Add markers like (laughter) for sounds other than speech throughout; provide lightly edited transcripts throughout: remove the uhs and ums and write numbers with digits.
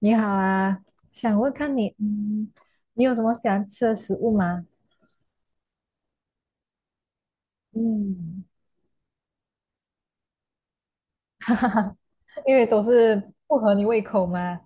你好啊，想问看你，你有什么喜欢吃的食物吗？嗯，(laughs) 哈哈哈，因为都是不合你胃口嘛。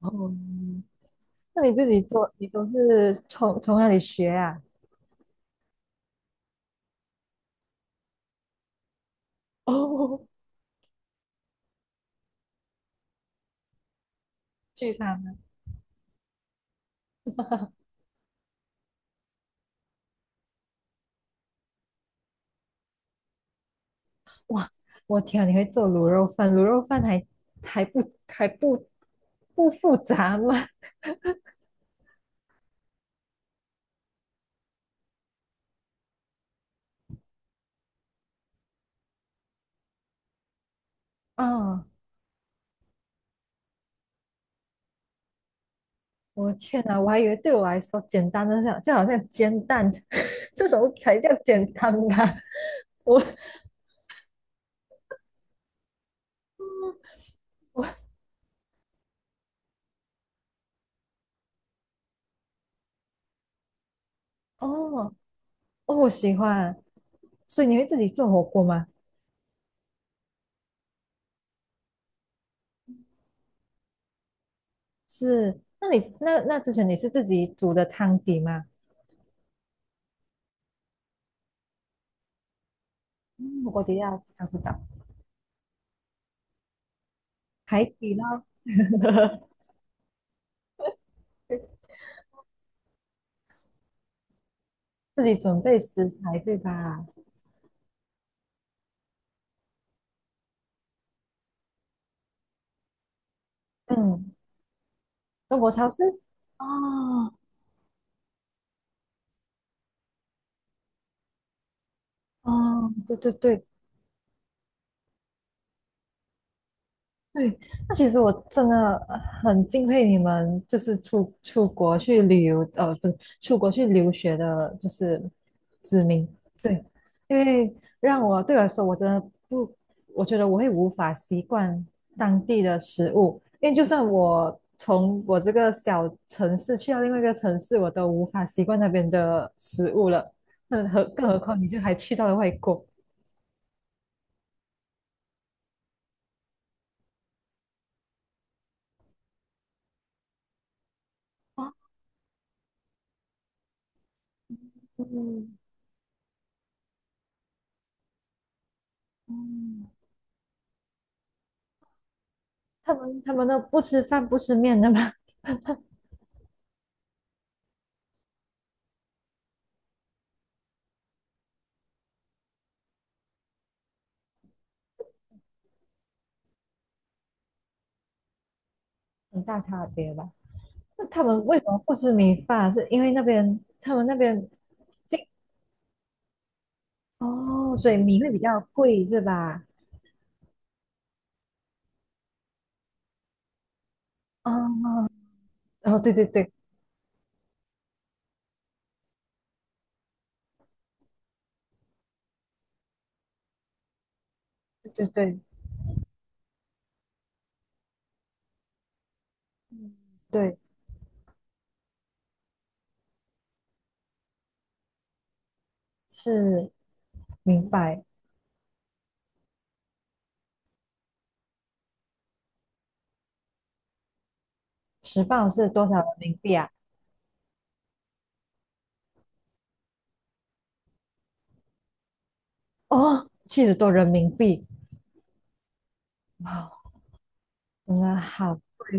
哦，那你自己做，你都是从哪里学啊？哦，聚餐的。哇，我天啊，你会做卤肉饭？卤肉饭还不复杂吗？啊、我天哪，我还以为对我来说简单的像就好像煎蛋 (laughs) 这种才叫简单吧？(laughs) 我。哦哦，我喜欢，所以你会自己做火锅吗？是，那你那之前你是自己煮的汤底吗？嗯，火锅底料不知道，海底捞 (laughs) 自己准备食材对吧？嗯，中国超市。哦哦，对对对，对，那其实我真的很敬佩你们，就是出国去旅游，不是出国去留学的，就是子民。对，因为让我对我来说，我真的不，我觉得我会无法习惯当地的食物，因为就算我从我这个小城市去到另外一个城市，我都无法习惯那边的食物了。那何更何况你就还去到了外国。哦，嗯嗯。他们都不吃饭不吃面的吗？很大差别吧？那他们为什么不吃米饭啊？是因为那边他们那边进哦，所以米会比较贵是吧？哦哦，对对对对对对，嗯，对，是明白。十磅是多少人民币啊？哦，七十多人民币，哇，真的好贵。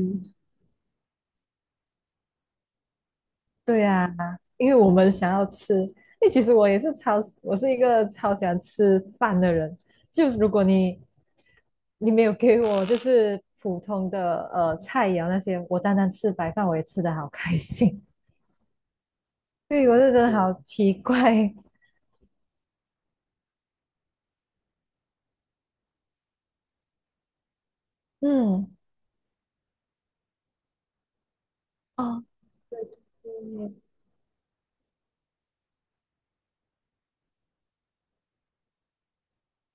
对呀、因为我们想要吃，因为其实我是一个超喜欢吃饭的人。就如果你没有给我就是普通的呃菜肴那些，我单单吃白饭我也吃的好开心。(laughs) 对，我是真的好奇怪。嗯，哦，对对对，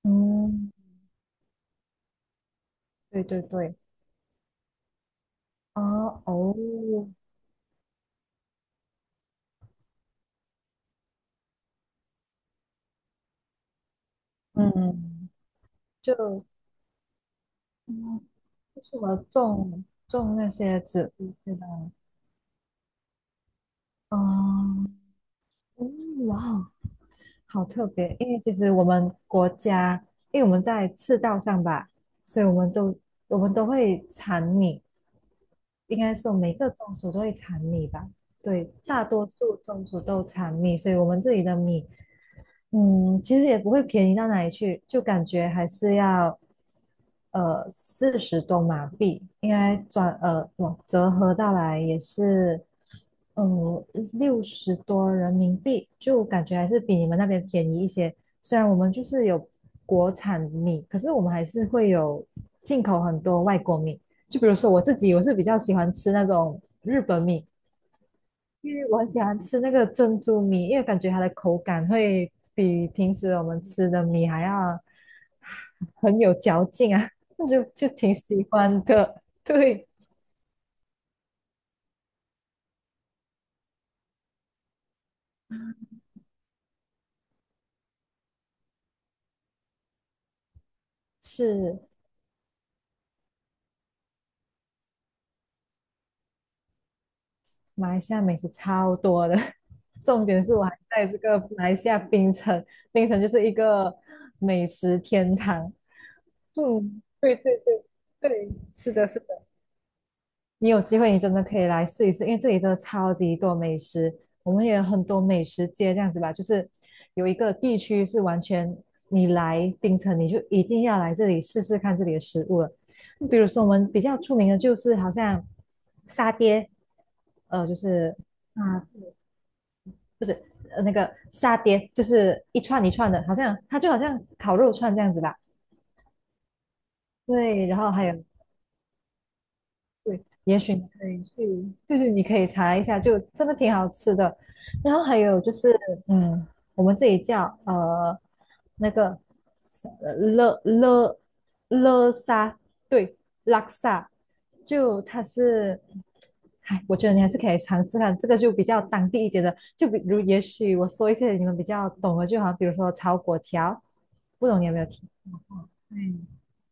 嗯，对对对，哦哦，嗯，就嗯，就我种种那些植物，对吧？哦，哇哦，好特别！因为其实我们国家，因为我们在赤道上吧，所以我们都会产米，应该说每个宗族都会产米吧？对，大多数宗族都产米，所以我们这里的米其实也不会便宜到哪里去，就感觉还是要四十多马币，应该转哇折合到来也是嗯，六十多人民币，就感觉还是比你们那边便宜一些。虽然我们就是有国产米，可是我们还是会有进口很多外国米。就比如说我自己，我是比较喜欢吃那种日本米，因为我很喜欢吃那个珍珠米，因为感觉它的口感会比平时我们吃的米还要很有嚼劲啊，(laughs) 就挺喜欢的。(laughs) 对，是马来西亚美食超多的，(laughs) 重点是我还在这个马来西亚槟城，槟城就是一个美食天堂。嗯，对对对对，是的，是的。你有机会你真的可以来试一试，因为这里真的超级多美食，我们也有很多美食街这样子吧，就是有一个地区是完全你来槟城你就一定要来这里试试看这里的食物了，比如说我们比较出名的就是好像沙爹，就是啊、那个沙爹就是一串一串的，好像它就好像烤肉串这样子吧。对，然后还有对，也许你可以去，就是你可以查一下，就真的挺好吃的。然后还有就是，嗯，我们这里叫那个呃勒勒勒沙，对，拉萨，就它是，哎，我觉得你还是可以尝试看，这个就比较当地一点的，就比如也许我说一些你们比较懂的，就好像比如说炒粿条，不懂你有没有听？对，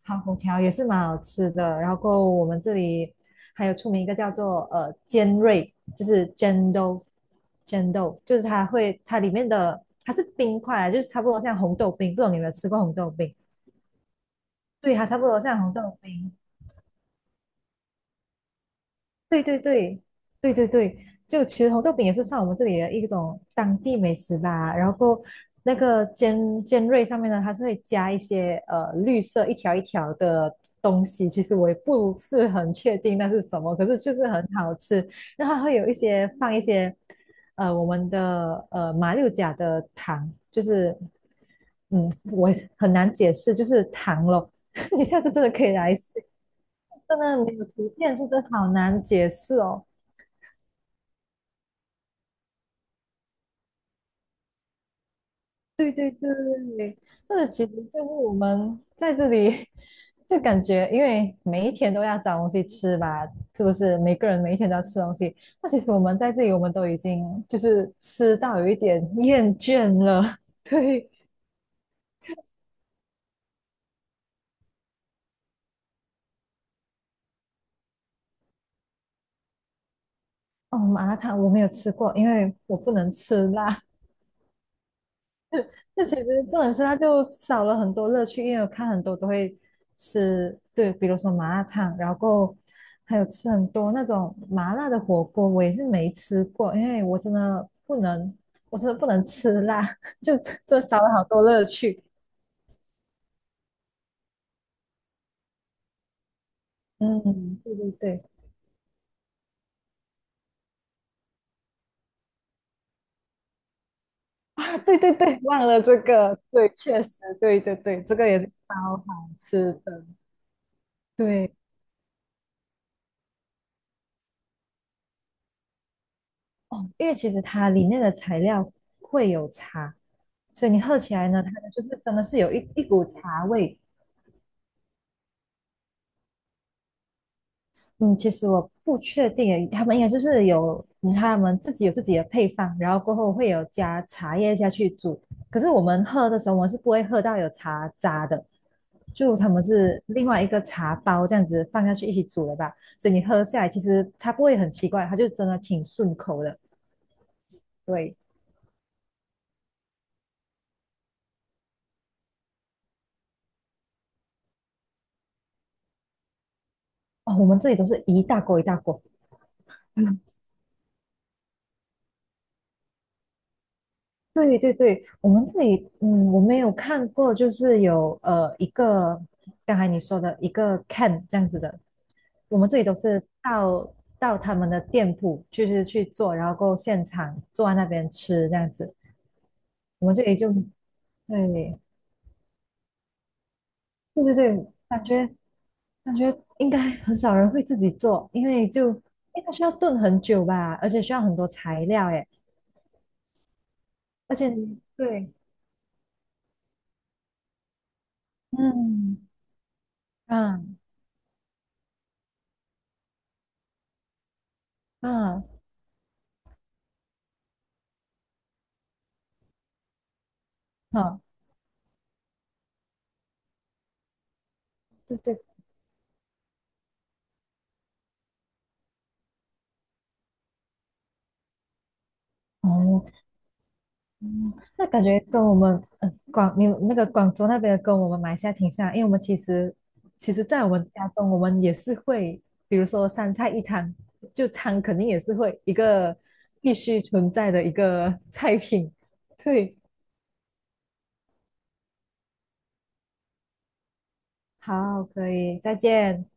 炒粿条也是蛮好吃的。然后我们这里还有出名一个叫做尖锐，就是尖豆，尖豆就是它会它里面的它是冰块啊，就是差不多像红豆冰。不懂你有没有吃过红豆冰？对，它差不多像红豆冰。对对对对对对，就其实红豆饼也是算我们这里的一种当地美食吧。然后过那个尖锐上面呢，它是会加一些绿色一条一条的东西，其实我也不是很确定那是什么，可是就是很好吃。然后它会有一些放一些我们的马六甲的糖，就是我也是很难解释，就是糖咯。(laughs) 你下次真的可以来试真的没有图片，就真的好难解释哦。对对对，或者其实就是我们在这里 (laughs) 就感觉，因为每一天都要找东西吃吧，是不是？每个人每一天都要吃东西。那其实我们在这里，我们都已经就是吃到有一点厌倦了。(laughs) 对，哦，麻辣烫我没有吃过，因为我不能吃辣。(laughs) 这其实不能吃，它就少了很多乐趣。因为我看很多都会吃，对，比如说麻辣烫，然后还有吃很多那种麻辣的火锅，我也是没吃过，因为我真的不能，我真的不能吃辣，(laughs) 就这少了好多乐趣。嗯，对对对，啊，对对对，忘了这个，对，确实，对对对，这个也是超好吃的。对，哦，因为其实它里面的材料会有差，所以你喝起来呢，它就是真的是有一股茶味。嗯，其实我不确定诶，他们应该就是有他们自己有自己的配方，然后过后会有加茶叶下去煮。可是我们喝的时候，我们是不会喝到有茶渣的，就他们是另外一个茶包这样子放下去一起煮的吧。所以你喝下来，其实它不会很奇怪，它就真的挺顺口的。对，哦，我们这里都是一大锅一大锅，对对对，我们这里，我没有看过，就是有一个刚才你说的一个 can 这样子的，我们这里都是到他们的店铺，就是去做，然后过后现场坐在那边吃这样子。我们这里就对对对对，感觉应该很少人会自己做，因为就应该需要炖很久吧，而且需要很多材料诶，而且对，嗯嗯嗯，好、对对。哦，嗯，那感觉跟我们你那个广州那边的跟我们马来西亚挺像，因为我们其实，在我们家中，我们也是会，比如说三菜一汤，就汤肯定也是会一个必须存在的一个菜品。对，好，可以，再见。